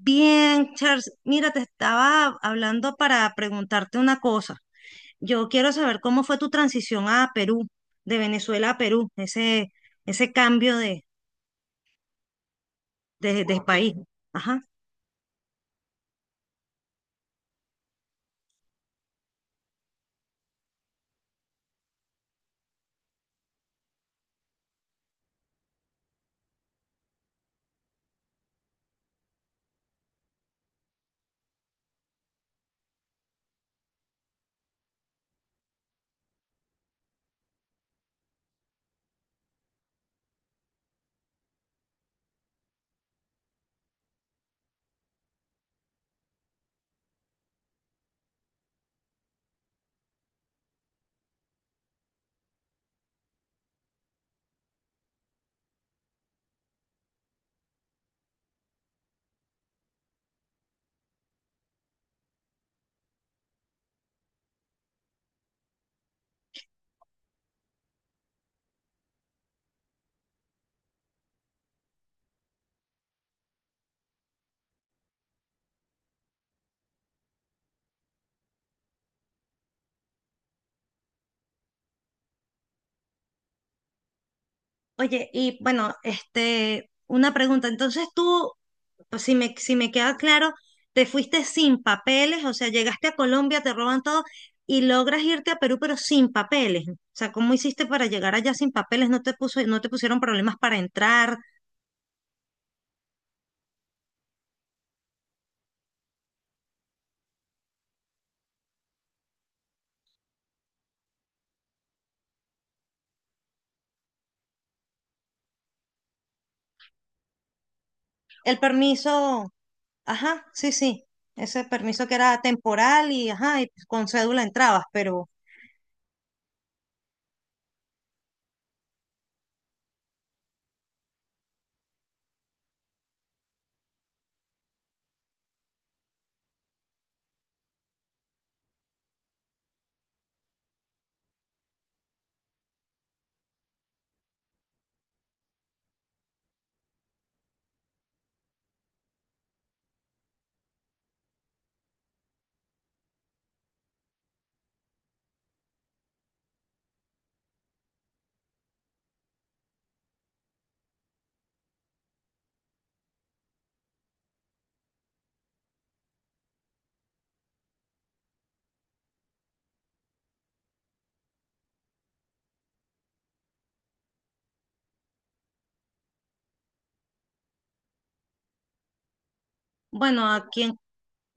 Bien, Charles, mira, te estaba hablando para preguntarte una cosa. Yo quiero saber cómo fue tu transición a Perú, de Venezuela a Perú, ese cambio de país. Ajá. Oye, y bueno, este, una pregunta. Entonces tú, pues, si me queda claro, te fuiste sin papeles, o sea, llegaste a Colombia, te roban todo y logras irte a Perú, pero sin papeles. O sea, ¿cómo hiciste para llegar allá sin papeles? ¿No te pusieron problemas para entrar? El permiso, ajá, sí, sí, ese permiso que era temporal y ajá, y con cédula entrabas, pero bueno, aquí en,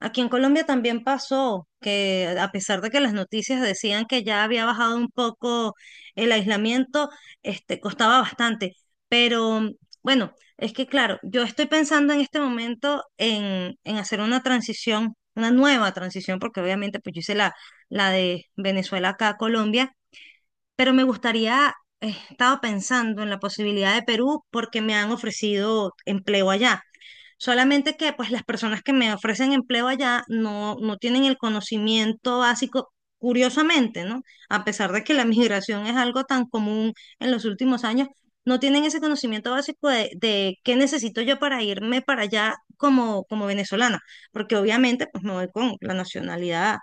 aquí en Colombia también pasó que a pesar de que las noticias decían que ya había bajado un poco el aislamiento, este, costaba bastante, pero bueno, es que claro, yo estoy pensando en este momento en hacer una transición, una nueva transición, porque obviamente pues yo hice la de Venezuela acá a Colombia, pero me gustaría, he estado pensando en la posibilidad de Perú porque me han ofrecido empleo allá. Solamente que pues las personas que me ofrecen empleo allá no tienen el conocimiento básico, curiosamente, ¿no? A pesar de que la migración es algo tan común en los últimos años, no tienen ese conocimiento básico de qué necesito yo para irme para allá como, como venezolana, porque obviamente pues me voy con la nacionalidad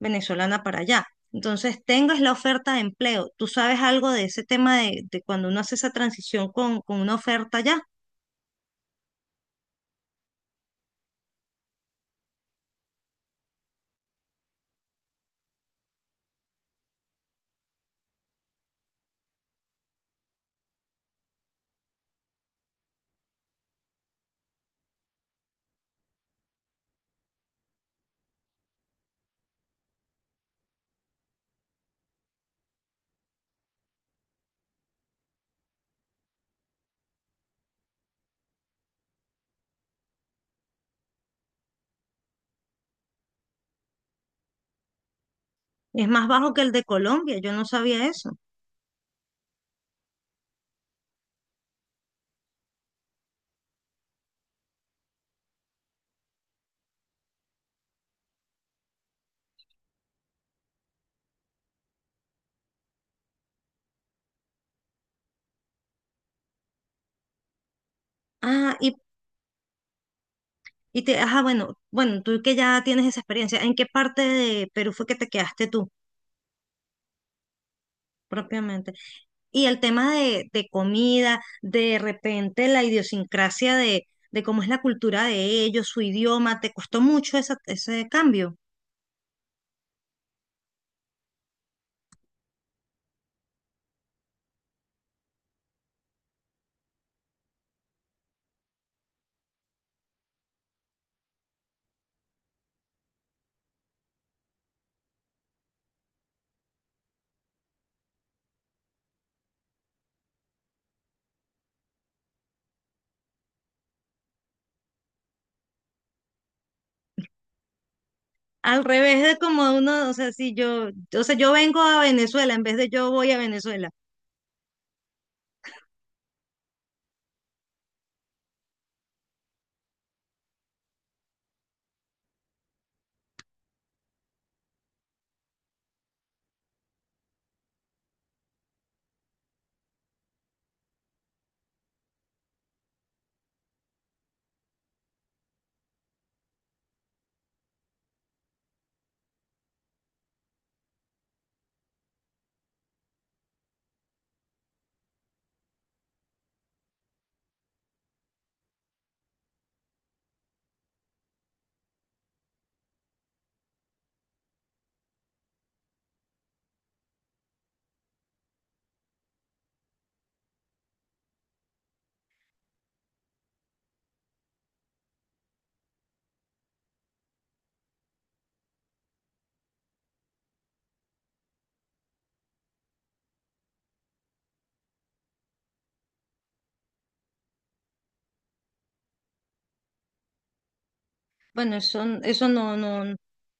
venezolana para allá. Entonces, tengas la oferta de empleo. ¿Tú sabes algo de ese tema de cuando uno hace esa transición con una oferta allá? Es más bajo que el de Colombia, yo no sabía eso. Ah, y te, ajá, bueno, bueno, tú que ya tienes esa experiencia, ¿en qué parte de Perú fue que te quedaste tú propiamente? Y el tema de comida, de repente la idiosincrasia de cómo es la cultura de ellos, su idioma, ¿te costó mucho ese cambio? Al revés de como uno, o sea, si yo, o sea, yo vengo a Venezuela en vez de yo voy a Venezuela. Bueno, eso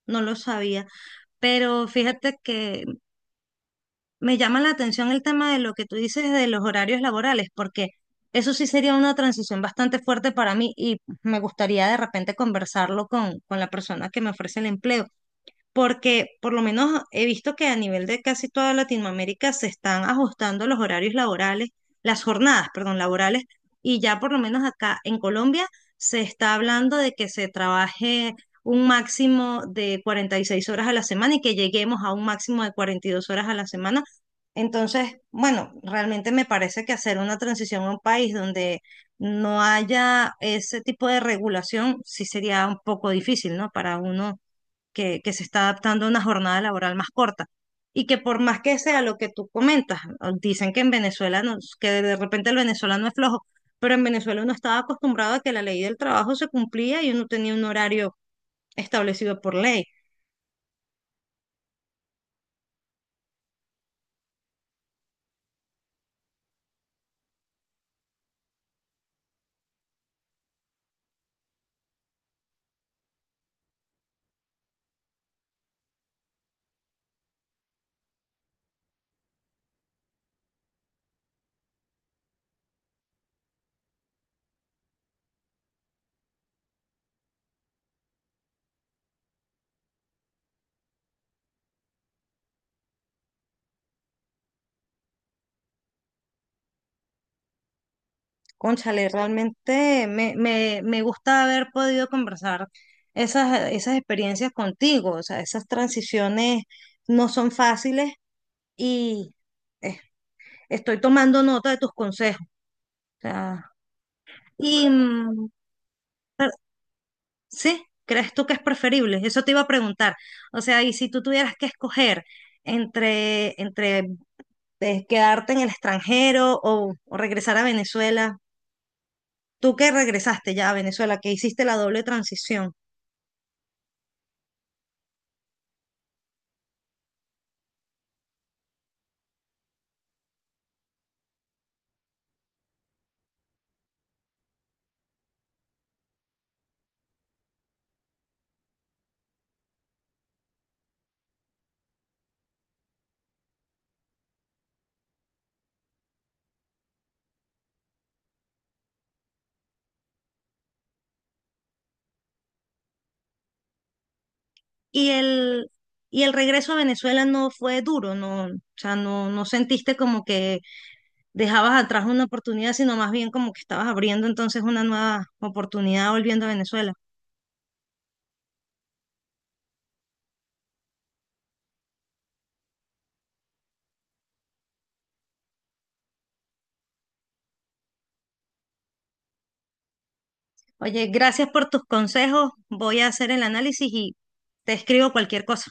no lo sabía. Pero fíjate que me llama la atención el tema de lo que tú dices de los horarios laborales, porque eso sí sería una transición bastante fuerte para mí y me gustaría de repente conversarlo con la persona que me ofrece el empleo porque por lo menos he visto que a nivel de casi toda Latinoamérica se están ajustando los horarios laborales, las jornadas, perdón, laborales, y ya por lo menos acá en Colombia se está hablando de que se trabaje un máximo de 46 horas a la semana y que lleguemos a un máximo de 42 horas a la semana. Entonces, bueno, realmente me parece que hacer una transición a un país donde no haya ese tipo de regulación sí sería un poco difícil, ¿no? Para uno que se está adaptando a una jornada laboral más corta. Y que por más que sea lo que tú comentas, o dicen que en Venezuela, no- que de repente el venezolano es flojo, pero en Venezuela uno estaba acostumbrado a que la ley del trabajo se cumplía y uno tenía un horario establecido por ley. Cónchale, realmente me gusta haber podido conversar esas experiencias contigo, o sea, esas transiciones no son fáciles y eh, estoy tomando nota de tus consejos. O sea, y, mm, sí, ¿crees tú que es preferible? Eso te iba a preguntar. O sea, y si tú tuvieras que escoger entre quedarte en el extranjero o regresar a Venezuela, tú que regresaste ya a Venezuela, que hiciste la doble transición, y el, y el regreso a Venezuela no fue duro, no, o sea, no sentiste como que dejabas atrás una oportunidad, sino más bien como que estabas abriendo entonces una nueva oportunidad volviendo a Venezuela. Oye, gracias por tus consejos. Voy a hacer el análisis y te escribo cualquier cosa.